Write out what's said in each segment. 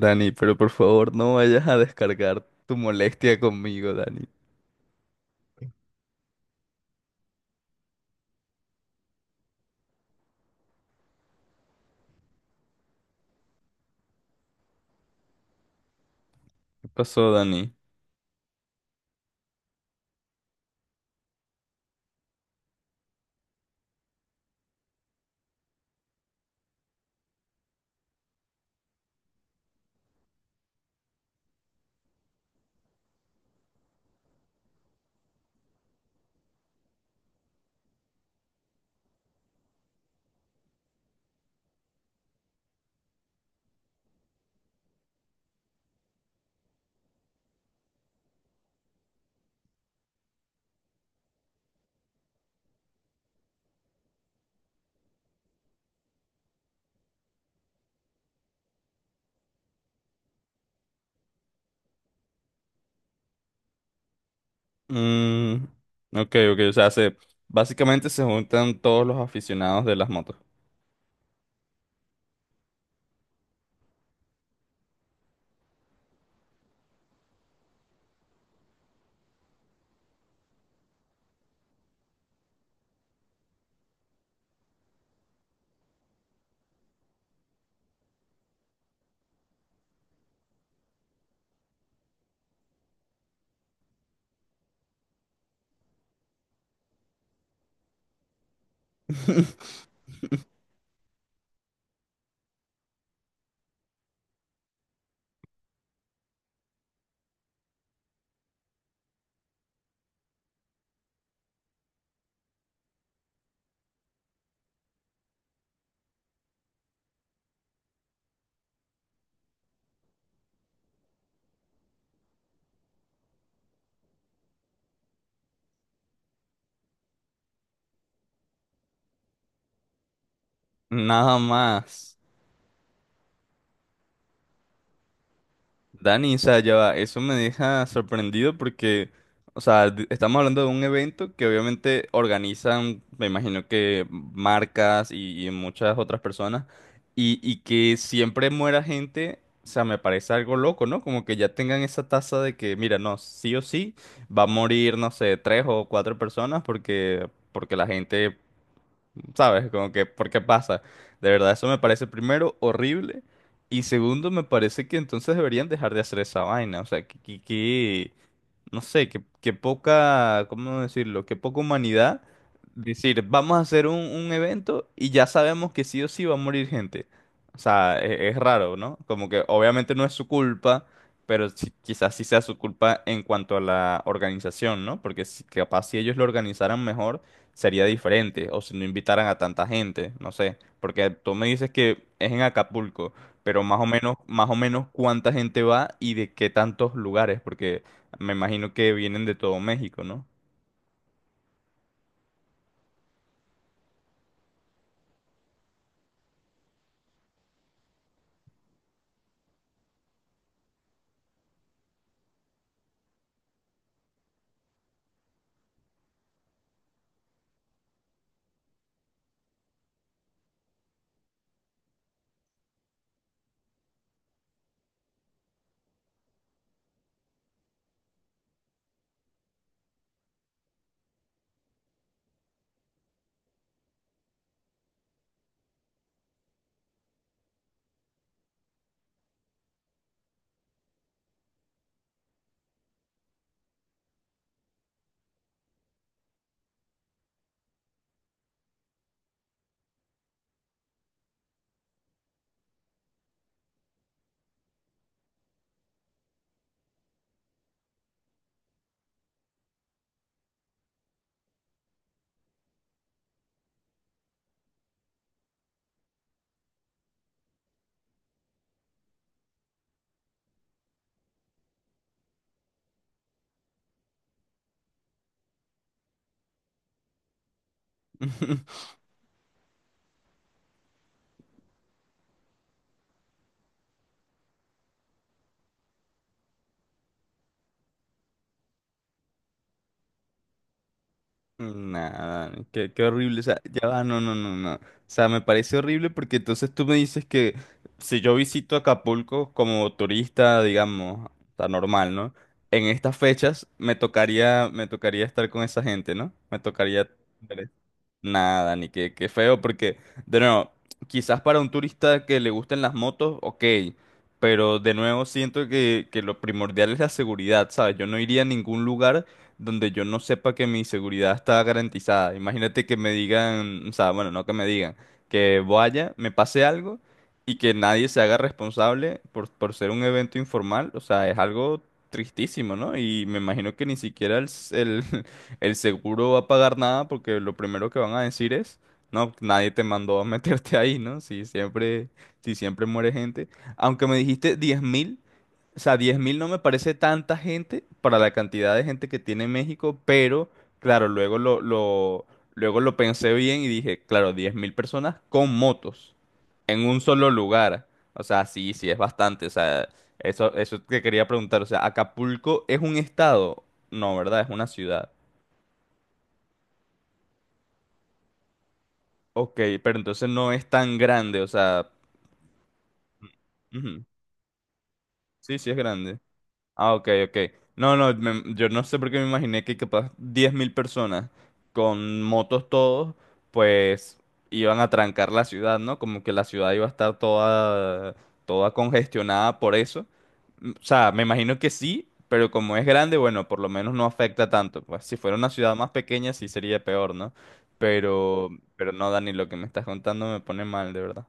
Dani, pero por favor no vayas a descargar tu molestia conmigo, Dani. ¿Qué pasó, Dani? Mm, ok, ok, o sea, básicamente se juntan todos los aficionados de las motos. Nada más. Dani, o sea, ya va, eso me deja sorprendido porque, o sea, estamos hablando de un evento que obviamente organizan, me imagino que marcas y muchas otras personas, y que siempre muera gente, o sea, me parece algo loco, ¿no? Como que ya tengan esa tasa de que, mira, no, sí o sí, va a morir, no sé, tres o cuatro personas porque la gente. ¿Sabes? Como que, ¿por qué pasa? De verdad, eso me parece primero horrible y segundo, me parece que entonces deberían dejar de hacer esa vaina. O sea, no sé, que poca, ¿cómo decirlo? Que poca humanidad. Decir, vamos a hacer un evento y ya sabemos que sí o sí va a morir gente. O sea, es, raro, ¿no? Como que obviamente no es su culpa, pero quizás sí sea su culpa en cuanto a la organización, ¿no? Porque capaz si ellos lo organizaran mejor sería diferente, o si no invitaran a tanta gente, no sé. Porque tú me dices que es en Acapulco, pero más o menos cuánta gente va y de qué tantos lugares, porque... Me imagino que vienen de todo México, ¿no? Nada, qué horrible. O sea, ya va, no, no, no, no. O sea, me parece horrible porque entonces tú me dices que si yo visito Acapulco como turista, digamos, está normal, ¿no? En estas fechas me tocaría estar con esa gente, ¿no? Me tocaría Nada, ni qué, qué feo, porque, de nuevo, quizás para un turista que le gusten las motos, ok, pero de nuevo siento que lo primordial es la seguridad, ¿sabes? Yo no iría a ningún lugar donde yo no sepa que mi seguridad está garantizada. Imagínate que me digan, o sea, bueno, no que me digan, que vaya, me pase algo y que nadie se haga responsable por ser un evento informal, o sea, es algo tristísimo, ¿no? Y me imagino que ni siquiera el seguro va a pagar nada porque lo primero que van a decir es, no, nadie te mandó a meterte ahí, ¿no? Si siempre muere gente. Aunque me dijiste 10,000, o sea, 10,000 no me parece tanta gente para la cantidad de gente que tiene México, pero claro, luego lo pensé bien y dije, claro, 10,000 personas con motos en un solo lugar. O sea, sí, sí, es bastante. O sea, eso que quería preguntar. O sea, ¿Acapulco es un estado? No, ¿verdad? Es una ciudad. Ok, pero entonces no es tan grande, o sea... ujú. Sí, sí es grande. Ah, ok, ok. No, no, yo no sé por qué me imaginé que capaz 10,000 personas con motos todos, pues iban a trancar la ciudad, ¿no? Como que la ciudad iba a estar toda, toda congestionada por eso. O sea, me imagino que sí, pero como es grande, bueno, por lo menos no afecta tanto. Pues si fuera una ciudad más pequeña sí sería peor, ¿no? Pero, pero, no, Dani, lo que me estás contando me pone mal, de verdad.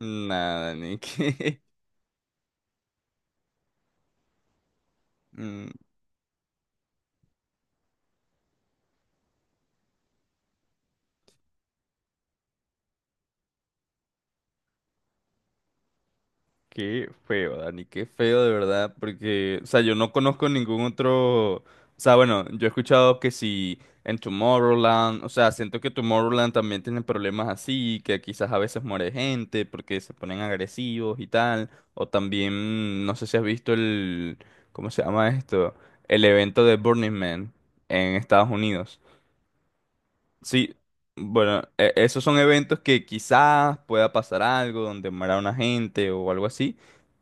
Nada, Dani, mm, qué feo, Dani, qué feo de verdad, porque, o sea, yo no conozco ningún otro, o sea, bueno, yo he escuchado que si en Tomorrowland, o sea, siento que Tomorrowland también tiene problemas así, que quizás a veces muere gente porque se ponen agresivos y tal, o también, no sé si has visto el, ¿cómo se llama esto? El evento de Burning Man en Estados Unidos. Sí, bueno, esos son eventos que quizás pueda pasar algo, donde muera una gente o algo así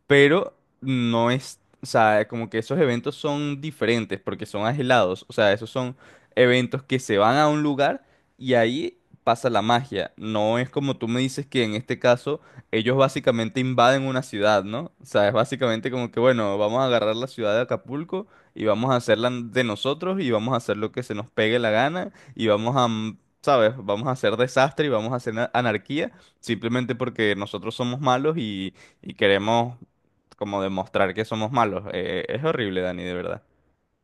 pero no es, o sea, como que esos eventos son diferentes porque son aislados, o sea, esos son eventos que se van a un lugar y ahí pasa la magia, no es como tú me dices que en este caso ellos básicamente invaden una ciudad, ¿no? O sea, es básicamente como que, bueno, vamos a agarrar la ciudad de Acapulco y vamos a hacerla de nosotros y vamos a hacer lo que se nos pegue la gana y vamos a... ¿Sabes? Vamos a hacer desastre y vamos a hacer anarquía simplemente porque nosotros somos malos y queremos como demostrar que somos malos. Es horrible, Dani, de verdad.